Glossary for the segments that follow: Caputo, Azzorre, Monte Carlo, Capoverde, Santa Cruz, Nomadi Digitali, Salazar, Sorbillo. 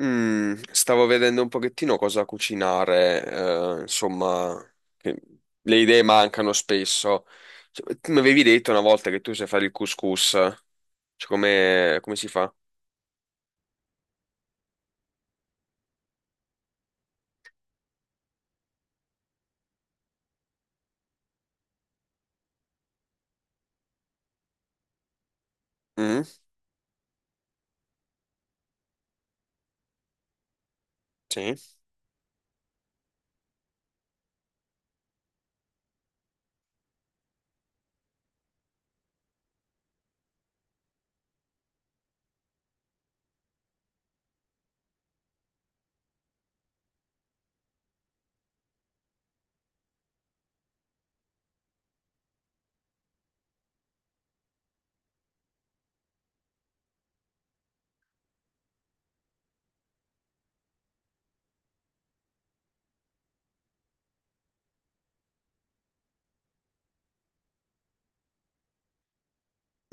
Stavo vedendo un pochettino cosa cucinare, insomma, che le idee mancano spesso. Cioè, tu mi avevi detto una volta che tu sai fare il couscous, cioè come si fa? Mm, sì.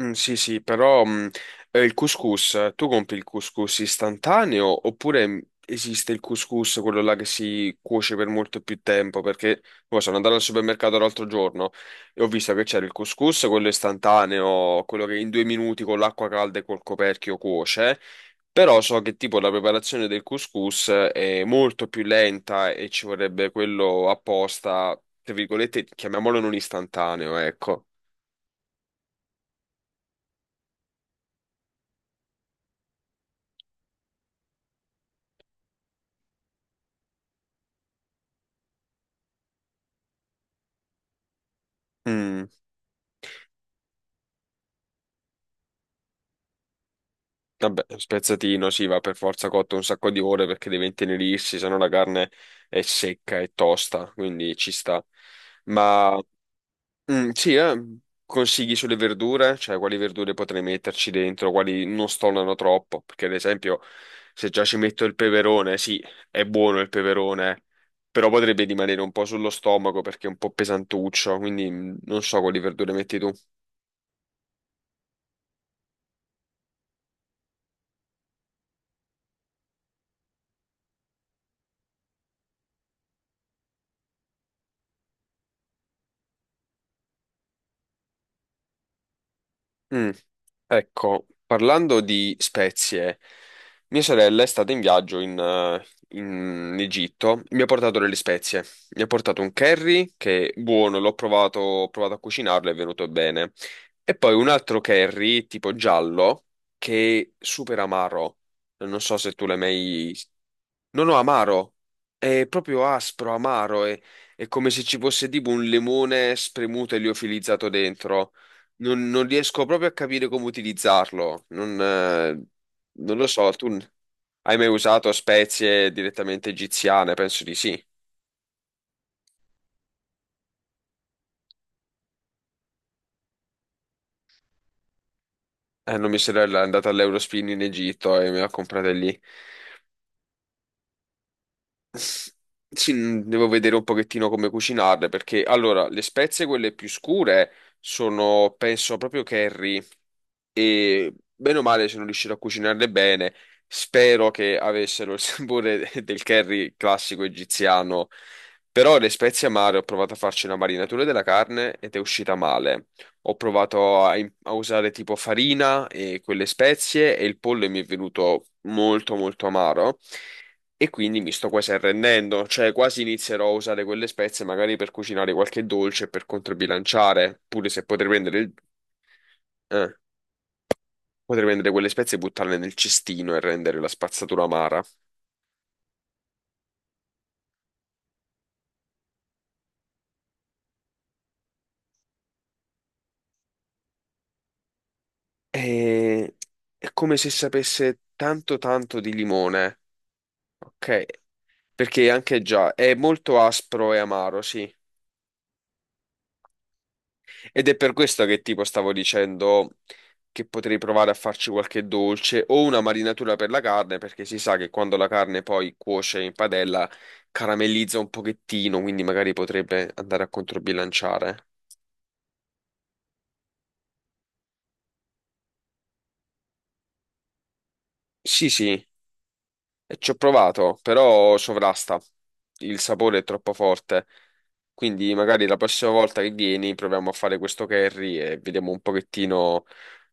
Mm, sì, sì, però il couscous, tu compri il couscous istantaneo oppure esiste il couscous, quello là che si cuoce per molto più tempo? Perché poi sono andato al supermercato l'altro giorno e ho visto che c'era il couscous, quello istantaneo, quello che in 2 minuti con l'acqua calda e col coperchio cuoce, però so che tipo la preparazione del couscous è molto più lenta e ci vorrebbe quello apposta, tra virgolette, chiamiamolo non istantaneo, ecco. Mm. Vabbè, spezzatino, sì, va per forza cotto un sacco di ore perché deve intenerirsi, se no la carne è secca e tosta, quindi ci sta. Ma sì, consigli sulle verdure, cioè quali verdure potrei metterci dentro, quali non stonano troppo, perché ad esempio se già ci metto il peperone, sì, è buono il peperone, però potrebbe rimanere un po' sullo stomaco perché è un po' pesantuccio, quindi non so quali verdure metti tu. Mm. Ecco, parlando di spezie, mia sorella è stata in viaggio in Egitto, mi ha portato delle spezie. Mi ha portato un curry che è buono, l'ho provato, ho provato a cucinarlo, è venuto bene. E poi un altro curry tipo giallo che è super amaro. Non so se tu l'hai mai... No, no, amaro. È proprio aspro, amaro. È come se ci fosse tipo un limone spremuto e liofilizzato dentro. Non riesco proprio a capire come utilizzarlo. Non lo so, hai mai usato spezie direttamente egiziane? Penso di sì. No, mia sorella è andata all'Eurospin in Egitto e me l'ha comprata lì. Sì, devo vedere un pochettino come cucinarle perché allora le spezie quelle più scure sono penso proprio curry e bene o male sono riuscito a cucinarle bene. Spero che avessero il sapore del curry classico egiziano, però le spezie amare ho provato a farci una marinatura della carne ed è uscita male. Ho provato a usare tipo farina e quelle spezie e il pollo mi è venuto molto molto amaro. E quindi mi sto quasi arrendendo, cioè quasi inizierò a usare quelle spezie magari per cucinare qualche dolce per controbilanciare, pure se potrei prendere eh, potrei prendere quelle spezie e buttarle nel cestino e rendere la spazzatura amara. E... È come se sapesse tanto tanto di limone, ok? Perché anche già è molto aspro e amaro, sì. Ed è per questo che tipo stavo dicendo che potrei provare a farci qualche dolce o una marinatura per la carne, perché si sa che quando la carne poi cuoce in padella caramellizza un pochettino, quindi magari potrebbe andare a controbilanciare. Sì, sì. E ci ho provato, però sovrasta. Il sapore è troppo forte. Quindi magari la prossima volta che vieni proviamo a fare questo curry e vediamo un pochettino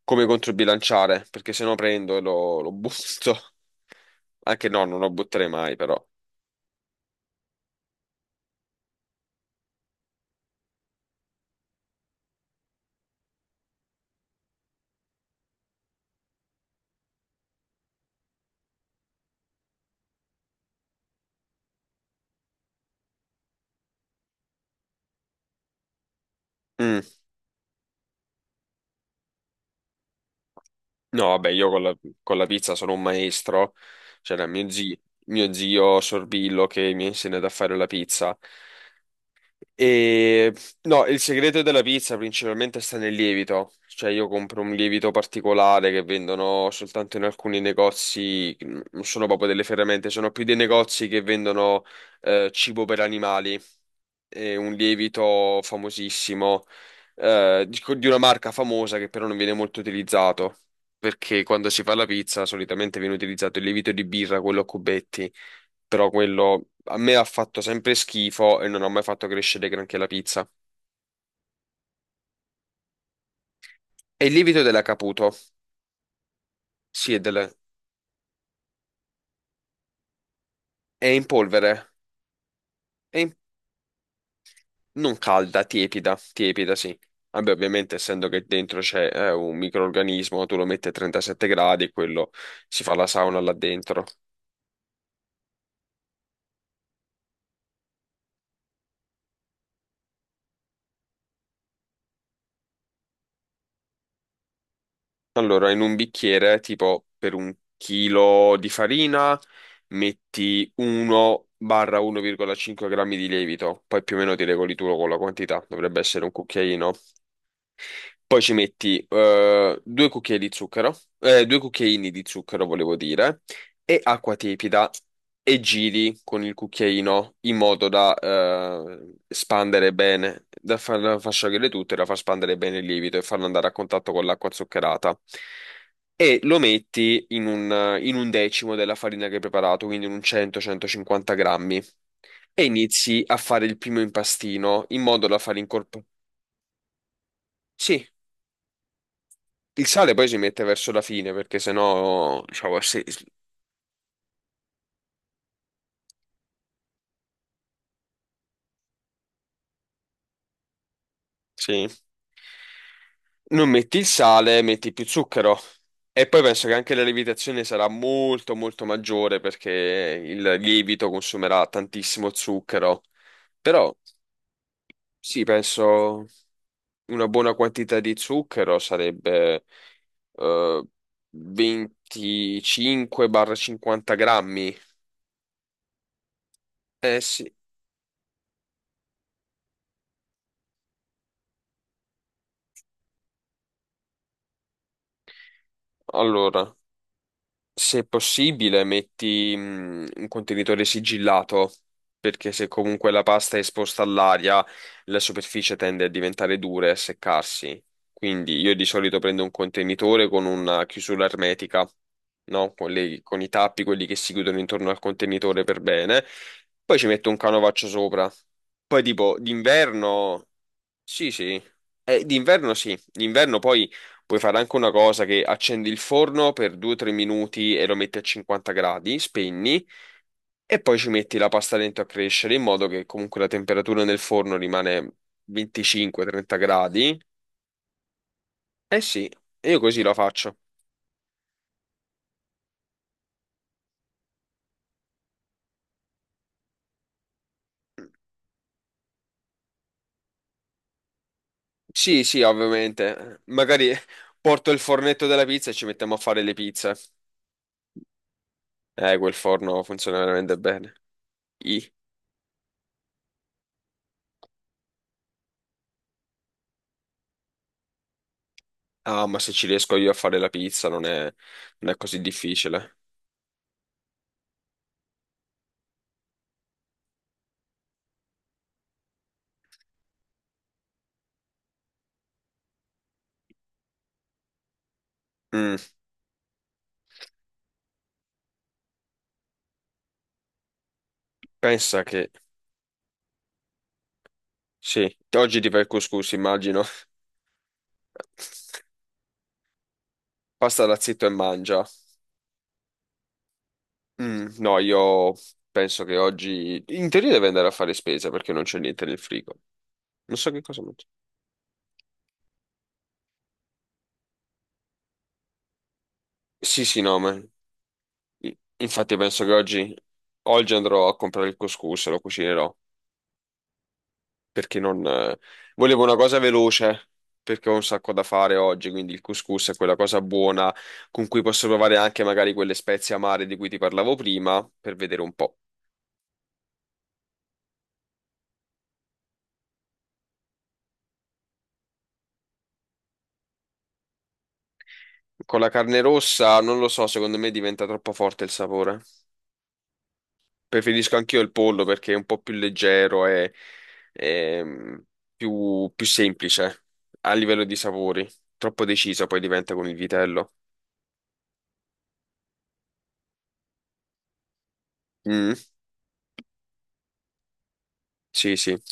come controbilanciare, perché se no prendo e lo butto. Anche no, non lo butterei mai, però. Mm. No, vabbè, io con la pizza sono un maestro. C'era mio zio Sorbillo che mi ha insegnato a fare la pizza. E no, il segreto della pizza principalmente sta nel lievito. Cioè, io compro un lievito particolare che vendono soltanto in alcuni negozi, non sono proprio delle ferramente, sono più dei negozi che vendono cibo per animali. È un lievito famosissimo, di una marca famosa che però non viene molto utilizzato. Perché quando si fa la pizza solitamente viene utilizzato il lievito di birra, quello a cubetti, però quello a me ha fatto sempre schifo e non ha mai fatto crescere granché la pizza. E il lievito della Caputo, sì, è in polvere, è in- non calda, tiepida, tiepida, sì. Vabbè, ovviamente, essendo che dentro c'è un microrganismo, tu lo metti a 37 gradi e quello si fa la sauna là dentro. Allora, in un bicchiere, tipo per un chilo di farina, metti 1-1,5 grammi di lievito, poi più o meno ti regoli tu con la quantità, dovrebbe essere un cucchiaino. Poi ci metti due cucchiai di zucchero, due cucchiaini di zucchero, volevo dire, e acqua tiepida e giri con il cucchiaino in modo da spandere bene, da far sciogliere tutto e da far spandere bene il lievito e farlo andare a contatto con l'acqua zuccherata. E lo metti in un decimo della farina che hai preparato, quindi in un 100-150 grammi, e inizi a fare il primo impastino in modo da far incorporare. Il sale poi si mette verso la fine perché sennò, diciamo, sì, sì. Non metti il sale, metti più zucchero. E poi penso che anche la lievitazione sarà molto molto maggiore perché il lievito consumerà tantissimo zucchero. Però sì, penso una buona quantità di zucchero sarebbe eh, 25-50 grammi. Eh sì, allora. Se possibile, metti un contenitore sigillato, perché se comunque la pasta è esposta all'aria, la superficie tende a diventare dura e a seccarsi. Quindi io di solito prendo un contenitore con una chiusura ermetica, no? Con i tappi, quelli che si chiudono intorno al contenitore per bene. Poi ci metto un canovaccio sopra. Poi tipo d'inverno. Sì, sì. D'inverno sì, d'inverno poi puoi fare anche una cosa che accendi il forno per 2-3 minuti e lo metti a 50 gradi, spegni e poi ci metti la pasta dentro a crescere in modo che comunque la temperatura nel forno rimane 25-30 gradi. Eh sì, io così la faccio. Sì, sì, ovviamente. Magari porto il fornetto della pizza e ci mettiamo a fare le pizze. Quel forno funziona veramente bene. Ah, ma se ci riesco io a fare la pizza non è così difficile. Mm, pensa che... Sì, oggi ti fai il couscous, immagino. Pasta da zitto e mangia. No, io penso che oggi... In teoria devo andare a fare spesa perché non c'è niente nel frigo. Non so che cosa mangio. Sì, sì, no, ma... Infatti penso che oggi... Oggi andrò a comprare il couscous e lo cucinerò. Perché non... volevo una cosa veloce, perché ho un sacco da fare oggi, quindi il couscous è quella cosa buona con cui posso provare anche magari quelle spezie amare di cui ti parlavo prima, per vedere un po'. Con la carne rossa, non lo so, secondo me diventa troppo forte il sapore. Preferisco anch'io il pollo perché è un po' più leggero e più semplice a livello di sapori. Troppo deciso poi diventa con il vitello. Mm, sì, sì.